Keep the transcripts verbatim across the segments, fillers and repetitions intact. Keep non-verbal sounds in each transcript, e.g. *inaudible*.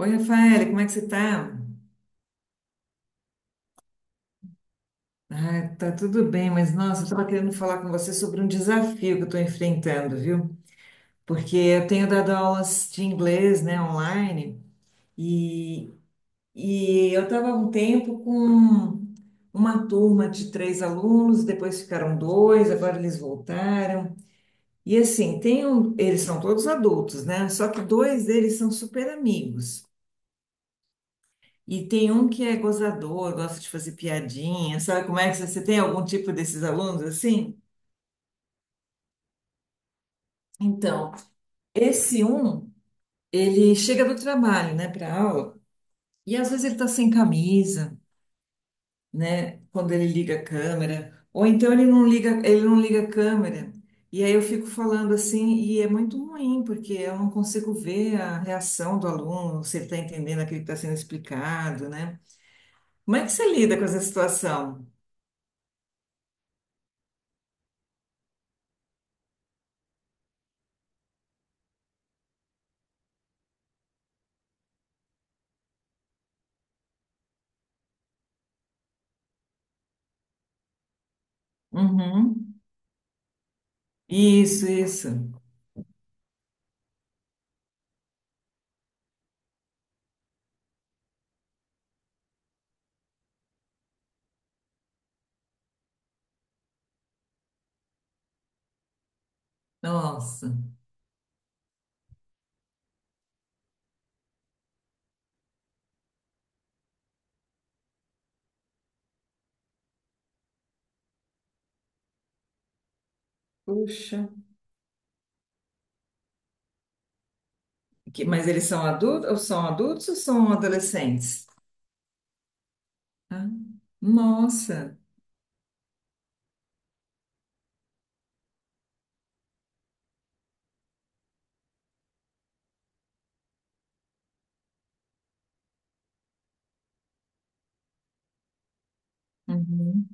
Oi, Rafaela, como é que você tá? Ah, tá tudo bem, mas nossa, eu estava querendo falar com você sobre um desafio que eu estou enfrentando, viu? Porque eu tenho dado aulas de inglês, né, online, e, e eu estava um tempo com uma turma de três alunos, depois ficaram dois, agora eles voltaram. E assim, tem um, eles são todos adultos, né? Só que dois deles são super amigos. E tem um que é gozador, gosta de fazer piadinha, sabe como é que você você tem algum tipo desses alunos assim? Então, esse um, ele chega do trabalho, né, para aula, e às vezes ele tá sem camisa, né, quando ele liga a câmera, ou então ele não liga, ele não liga a câmera. E aí eu fico falando assim, e é muito ruim, porque eu não consigo ver a reação do aluno, se ele está entendendo aquilo que está sendo explicado, né? Como é que você lida com essa situação? Uhum. Isso, isso. Nossa. Puxa. Que- mas eles são adultos, ou são adultos ou são adolescentes? Ah, nossa. Uhum,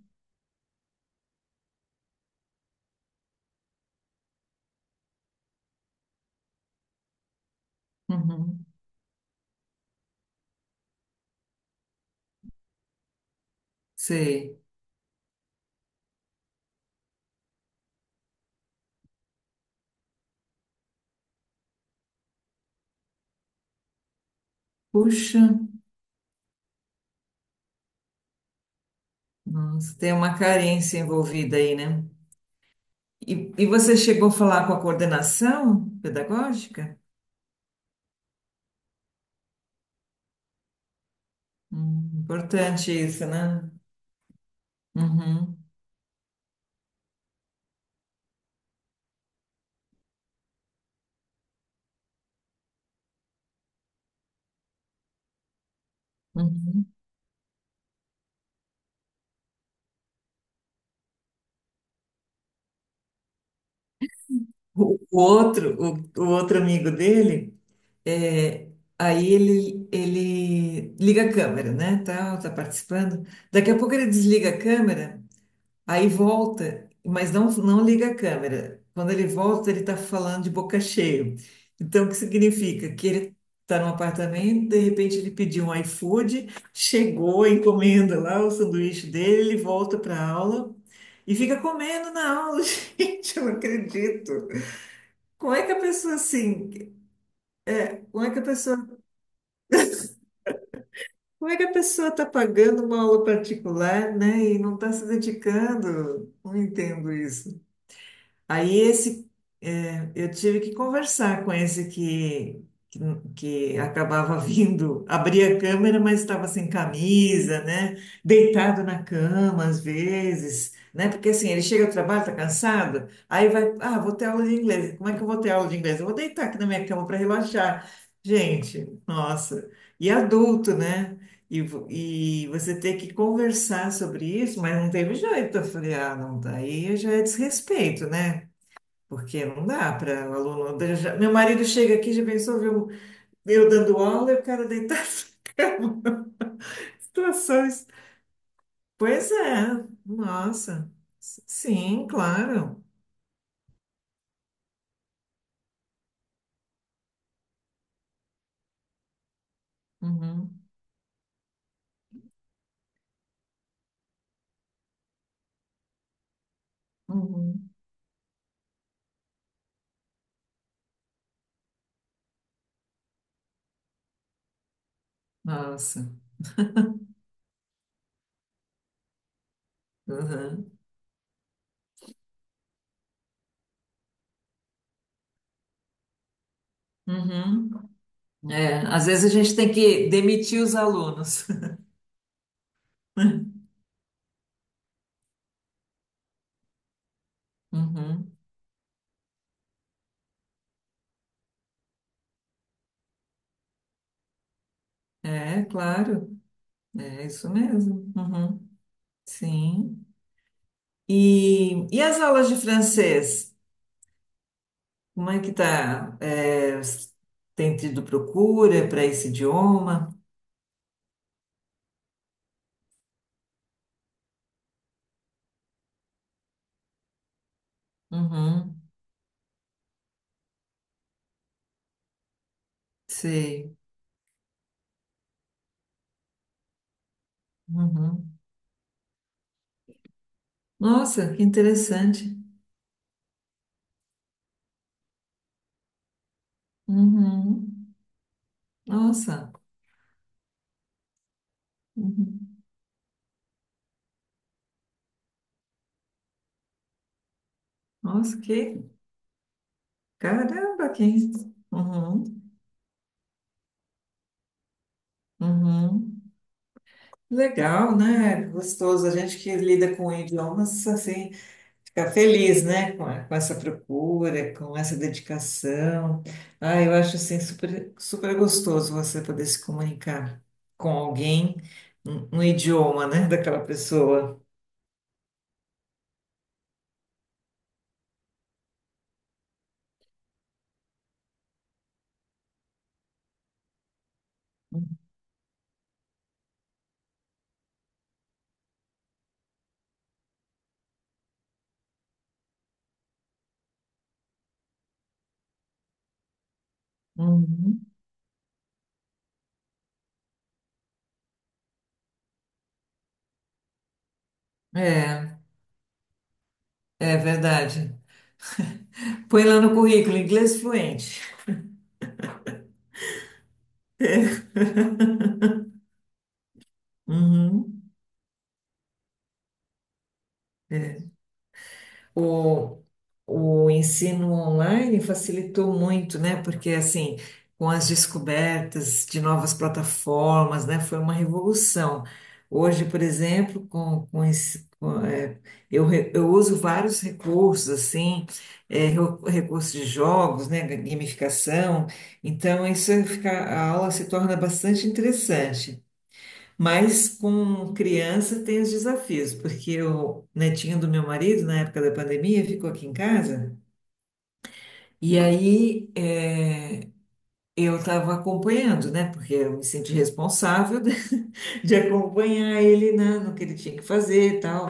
uhum. Sei. Puxa, nossa, tem uma carência envolvida aí, né? E, e você chegou a falar com a coordenação pedagógica? Hum, importante isso, né? Uhum, uhum. O o outro, o, o outro amigo dele, é, aí ele, ele liga a câmera, né? Tal, tá participando. Daqui a pouco ele desliga a câmera, aí volta, mas não, não liga a câmera. Quando ele volta, ele tá falando de boca cheia. Então, o que significa? Que ele tá num apartamento, de repente ele pediu um iFood, chegou, encomenda lá o sanduíche dele, ele volta pra aula e fica comendo na aula. *laughs* Gente, eu não acredito. Como é que a pessoa assim, como é que a pessoa, como é que a pessoa está pagando uma aula particular, né, e não está se dedicando? Não entendo isso. Aí esse, é, eu tive que conversar com esse que, que, que acabava *laughs* vindo, abria a câmera, mas estava sem camisa, né? Deitado na cama às vezes, né? Porque assim, ele chega do trabalho, tá cansado, aí vai, ah, vou ter aula de inglês. Como é que eu vou ter aula de inglês? Eu vou deitar aqui na minha cama para relaxar. Gente, nossa. E adulto, né? E, vo- e você ter que conversar sobre isso, mas não teve jeito. Eu falei, ah, não, daí já é desrespeito, né? Porque não dá para o aluno. eu já- Meu marido chega aqui, já pensou, viu? Eu dando aula e o cara deitado na cama. *laughs* Situações. Pois é, nossa. S- Sim, claro. Uhum, uhum. Nossa. Uhum, uhum. É, às vezes a gente tem que demitir os alunos. *laughs* Uhum. É, claro. É isso mesmo. Uhum. Sim. E, e as aulas de francês? Como é que tá? É, tem tido procura para esse idioma? Uhum, sei. Uhum. Nossa, que interessante. Uhum. Nossa. Uhum. Nossa, que caramba, que Uhum. Uhum. Legal, né? Gostoso. A gente que lida com idiomas assim. Ficar feliz, né, com, a- com essa procura, com essa dedicação. Ah, eu acho assim super, super gostoso você poder se comunicar com alguém no, no idioma, né, daquela pessoa. Uhum. É, é verdade. *laughs* Põe lá no currículo, inglês fluente. Uhum. O, o ensino online facilitou muito, né? Porque, assim, com as descobertas de novas plataformas, né? Foi uma revolução. Hoje, por exemplo, com, com esse, com, é, eu, re- eu uso vários recursos, assim, é, re- recursos de jogos, né? Gamificação. Então, isso fica, a aula se torna bastante interessante. Mas com criança tem os desafios, porque o netinho do meu marido, na época da pandemia, ficou aqui em casa. E aí eh, eu estava acompanhando, né? Porque eu me senti responsável *laughs* de, acompanhar ele na, no que ele tinha que fazer e tal.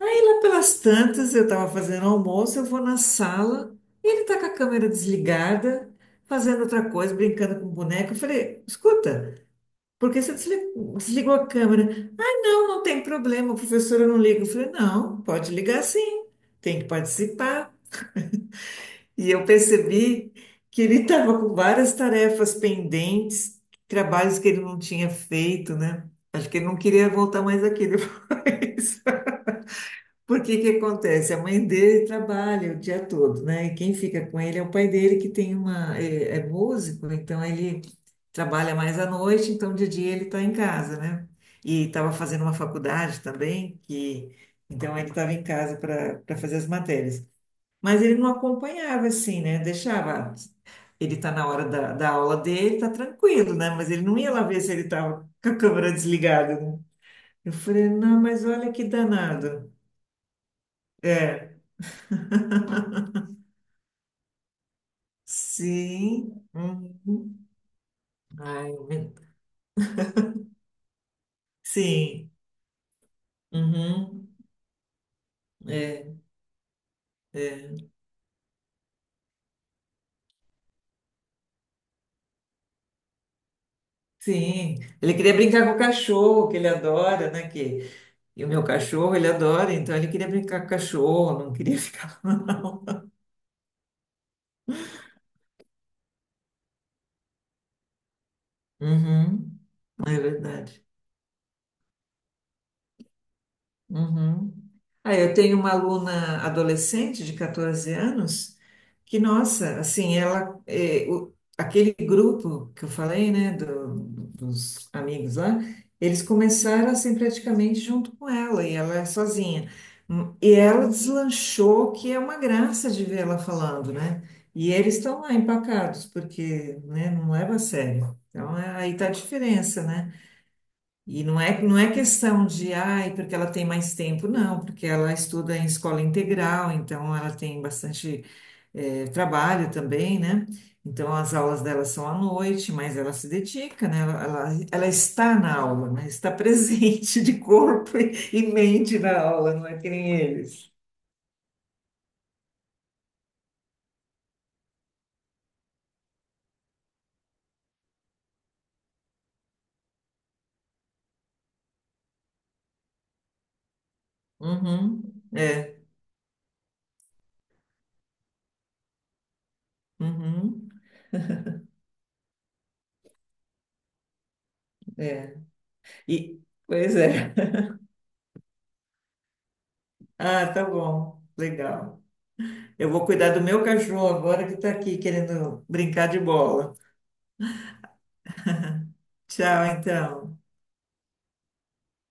Aí lá pelas tantas, eu estava fazendo almoço, eu vou na sala, e ele está com a câmera desligada, fazendo outra coisa, brincando com o boneco. Eu falei, escuta, por que você desli- desligou a câmera? Não, não tem problema, professora eu não liga. Eu falei, não, pode ligar sim, tem que participar. E eu percebi que ele estava com várias tarefas pendentes, trabalhos que ele não tinha feito, né? Acho que ele não queria voltar mais aqui *laughs* depois. Porque que acontece? A mãe dele trabalha o dia todo, né? E quem fica com ele é o pai dele, que tem uma, é, é músico, então ele trabalha mais à noite, então de dia ele está em casa, né? E estava fazendo uma faculdade também, que então ele estava em casa para para fazer as matérias. Mas ele não acompanhava assim, né? Deixava. Ele está na hora da, da aula dele, tá tranquilo, né? Mas ele não ia lá ver se ele estava com a câmera desligada, né? Eu falei, não, mas olha que danado. É. *laughs* Sim. Uhum. Ai, men- sim. Uhum. É, é. Sim. Ele queria brincar com o cachorro, que ele adora, né? Que... E o meu cachorro, ele adora, então ele queria brincar com o cachorro, não queria ficar, *laughs* não. Uhum. É verdade. Uhum. Ah, eu tenho uma aluna adolescente de catorze anos que, nossa, assim, ela, eh, o- aquele grupo que eu falei, né, do- dos amigos lá, eles começaram assim praticamente junto com ela e ela é sozinha. Hum, E ela deslanchou, que é uma graça de ver ela falando, né? E eles estão lá empacados, porque, né, não leva a sério. Então, é- aí tá a diferença, né? E não é, não é questão de, ai, porque ela tem mais tempo, não, porque ela estuda em escola integral, então ela tem bastante eh, trabalho também, né? Então as aulas dela são à noite, mas ela se dedica, né? Ela, ela, ela está na aula, né? Está *laughs* presente de corpo e, e mente na aula, não é que nem eles. Uhum, é, uhum, é. E, pois é. *laughs* Ah, tá bom, legal. Eu vou cuidar do meu cachorro agora que está aqui querendo brincar de bola. Tchau, então.